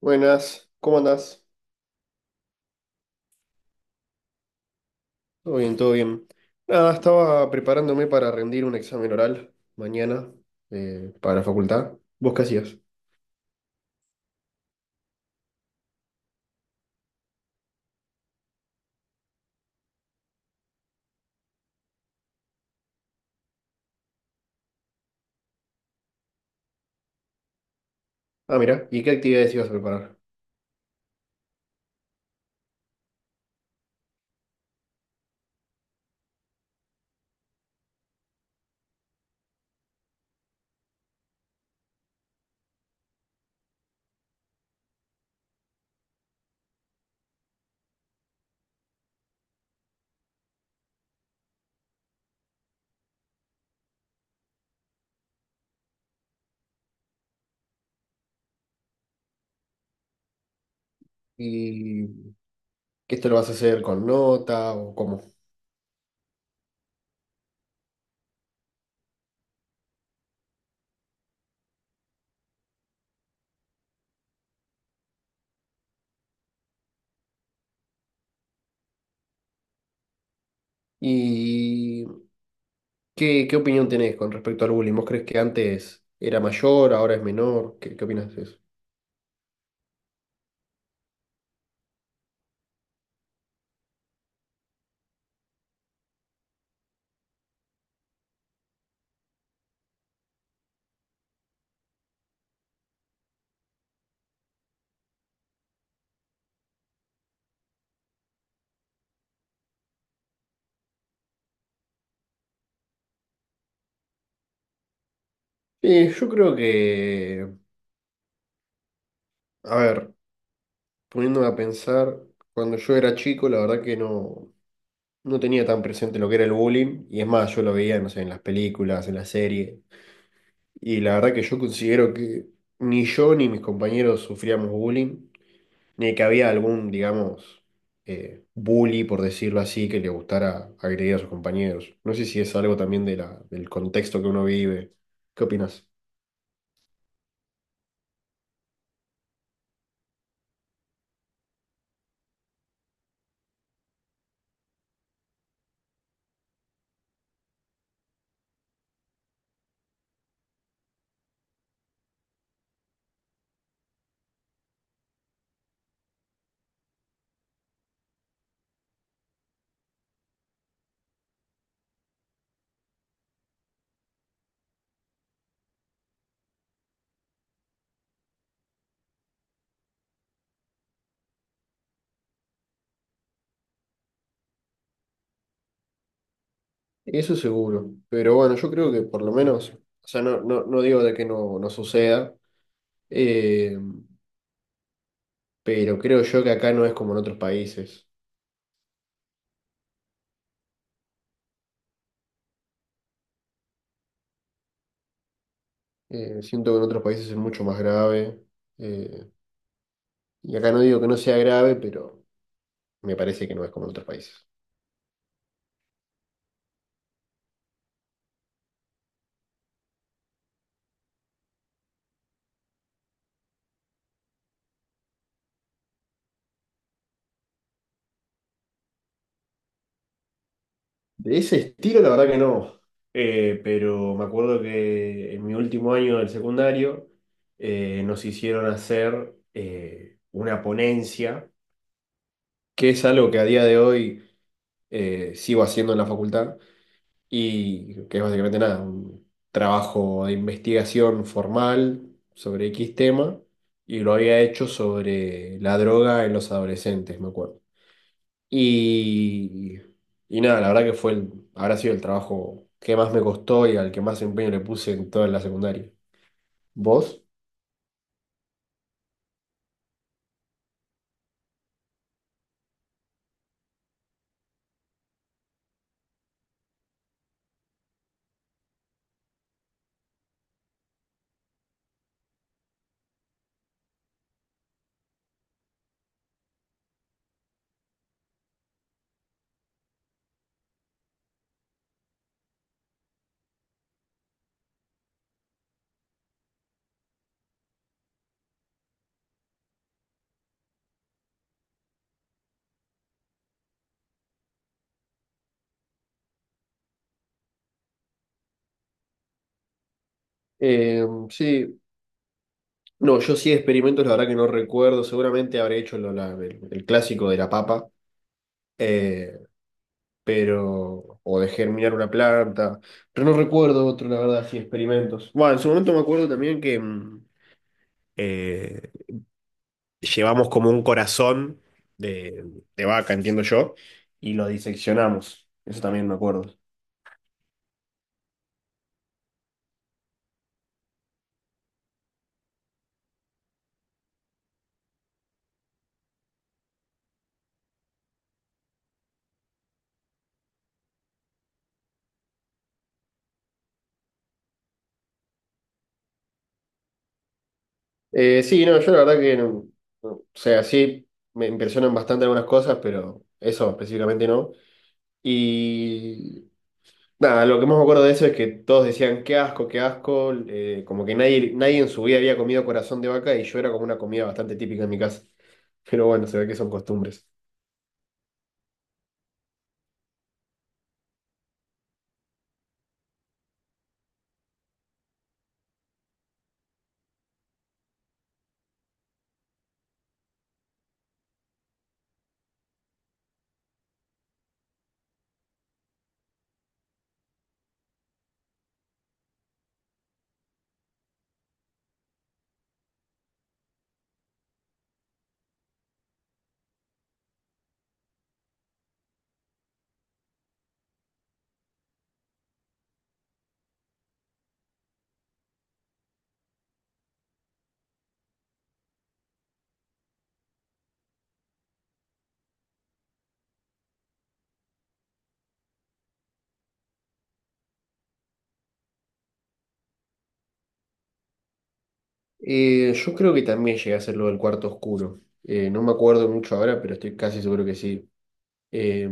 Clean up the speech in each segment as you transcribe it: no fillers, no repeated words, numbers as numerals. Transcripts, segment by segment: Buenas, ¿cómo andás? Todo bien, todo bien. Nada, estaba preparándome para rendir un examen oral mañana para la facultad. ¿Vos qué hacías? Ah, mira, ¿y qué actividades ibas a preparar? ¿Y qué esto lo vas a hacer con nota o cómo? ¿Y qué opinión tenés con respecto al bullying? ¿Vos crees que antes era mayor, ahora es menor? ¿Qué opinás de eso? Sí, yo creo que, a ver. Poniéndome a pensar, cuando yo era chico, la verdad que no tenía tan presente lo que era el bullying, y es más, yo lo veía, no sé, en las películas, en las series, y la verdad que yo considero que ni yo ni mis compañeros sufríamos bullying, ni que había algún, digamos, bully, por decirlo así, que le gustara agredir a sus compañeros. No sé si es algo también de del contexto que uno vive. ¿Qué opinas? Eso seguro, pero bueno, yo creo que por lo menos, o sea, no, no, no digo de que no, no suceda. Eh, pero creo yo que acá no es como en otros países. Siento que en otros países es mucho más grave. eh, y acá no digo que no sea grave, pero me parece que no es como en otros países. De ese estilo, la verdad que no. Pero me acuerdo que en mi último año del secundario nos hicieron hacer una ponencia, que es algo que a día de hoy sigo haciendo en la facultad y que es básicamente nada, un trabajo de investigación formal sobre X tema, y lo había hecho sobre la droga en los adolescentes, me acuerdo. Y, y nada, la verdad que fue el, habrá sido el trabajo que más me costó y al que más empeño le puse en toda la secundaria. ¿Vos? Eh, sí, no, yo sí experimentos, la verdad que no recuerdo, seguramente habré hecho el clásico de la papa. Eh, pero, o de germinar una planta, pero no recuerdo otro, la verdad, así experimentos. Bueno, en su momento me acuerdo también que eh, llevamos como un corazón de, de vaca, entiendo yo, y lo diseccionamos, eso también me acuerdo. Sí, no, yo la verdad que, no, o sea, sí, me impresionan bastante algunas cosas, pero eso específicamente no. Y nada, lo que más me acuerdo de eso es que todos decían, qué asco, como que nadie en su vida había comido corazón de vaca y yo era como una comida bastante típica en mi casa. Pero bueno, se ve que son costumbres. Yo creo que también llegué a hacer lo del cuarto oscuro. No me acuerdo mucho ahora, pero estoy casi seguro que sí. Eh,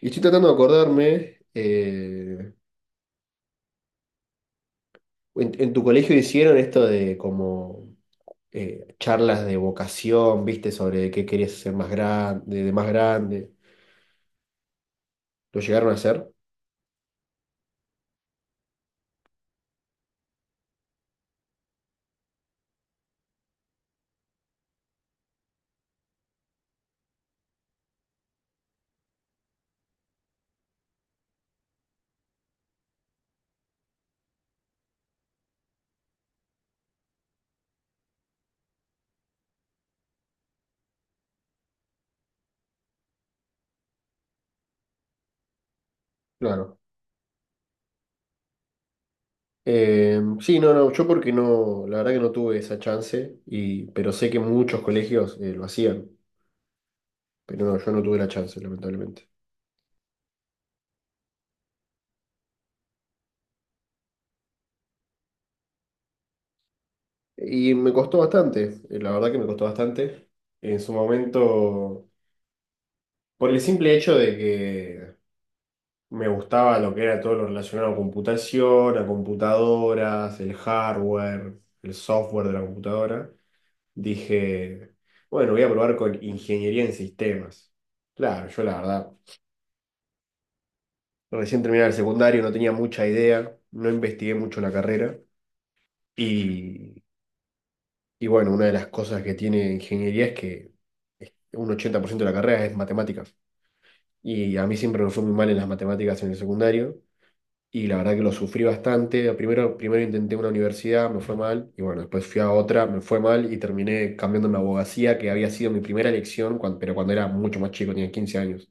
y estoy tratando de acordarme, en tu colegio hicieron esto de como charlas de vocación, viste, sobre qué querías ser más grande, de más grande. ¿Lo llegaron a hacer? Claro. Sí, no, no, yo porque no, la verdad que no tuve esa chance, pero sé que muchos colegios lo hacían, pero no, yo no tuve la chance, lamentablemente. Y me costó bastante, la verdad que me costó bastante. En su momento, por el simple hecho de que me gustaba lo que era todo lo relacionado a computación, a computadoras, el hardware, el software de la computadora, dije, bueno, voy a probar con ingeniería en sistemas. Claro, yo la verdad. Recién terminé el secundario, no tenía mucha idea, no investigué mucho la carrera. Y, y bueno, una de las cosas que tiene ingeniería es que un 80% de la carrera es matemáticas. Y a mí siempre me fue muy mal en las matemáticas en el secundario. Y la verdad que lo sufrí bastante. Primero, primero intenté una universidad, me fue mal. Y bueno, después fui a otra, me fue mal. Y terminé cambiándome a abogacía, que había sido mi primera elección, pero cuando era mucho más chico, tenía 15 años.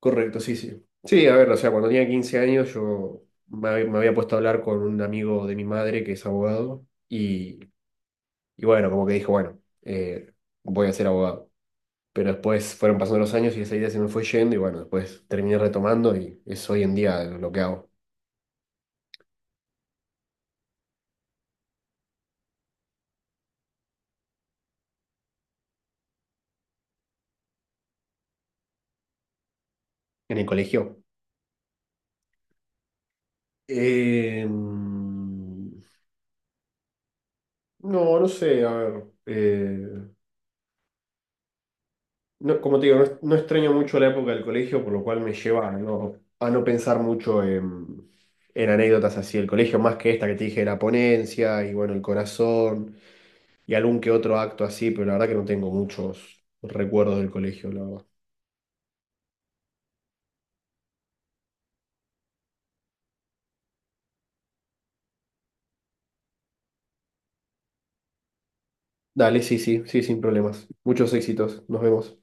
Correcto, sí, sí. Sí, a ver, o sea, cuando tenía 15 años yo me había puesto a hablar con un amigo de mi madre que es abogado y bueno, como que dijo, bueno, voy a ser abogado. Pero después fueron pasando los años y esa idea se me fue yendo y bueno, después terminé retomando y es hoy en día lo que hago en el colegio. No, no sé, a ver. No, como te digo, no extraño mucho la época del colegio, por lo cual me lleva a no pensar mucho en, anécdotas así del colegio, más que esta que te dije de la ponencia y bueno, el corazón y algún que otro acto así, pero la verdad que no tengo muchos recuerdos del colegio, la verdad. Dale, sí, sí, sí, sin problemas. Muchos éxitos. Nos vemos.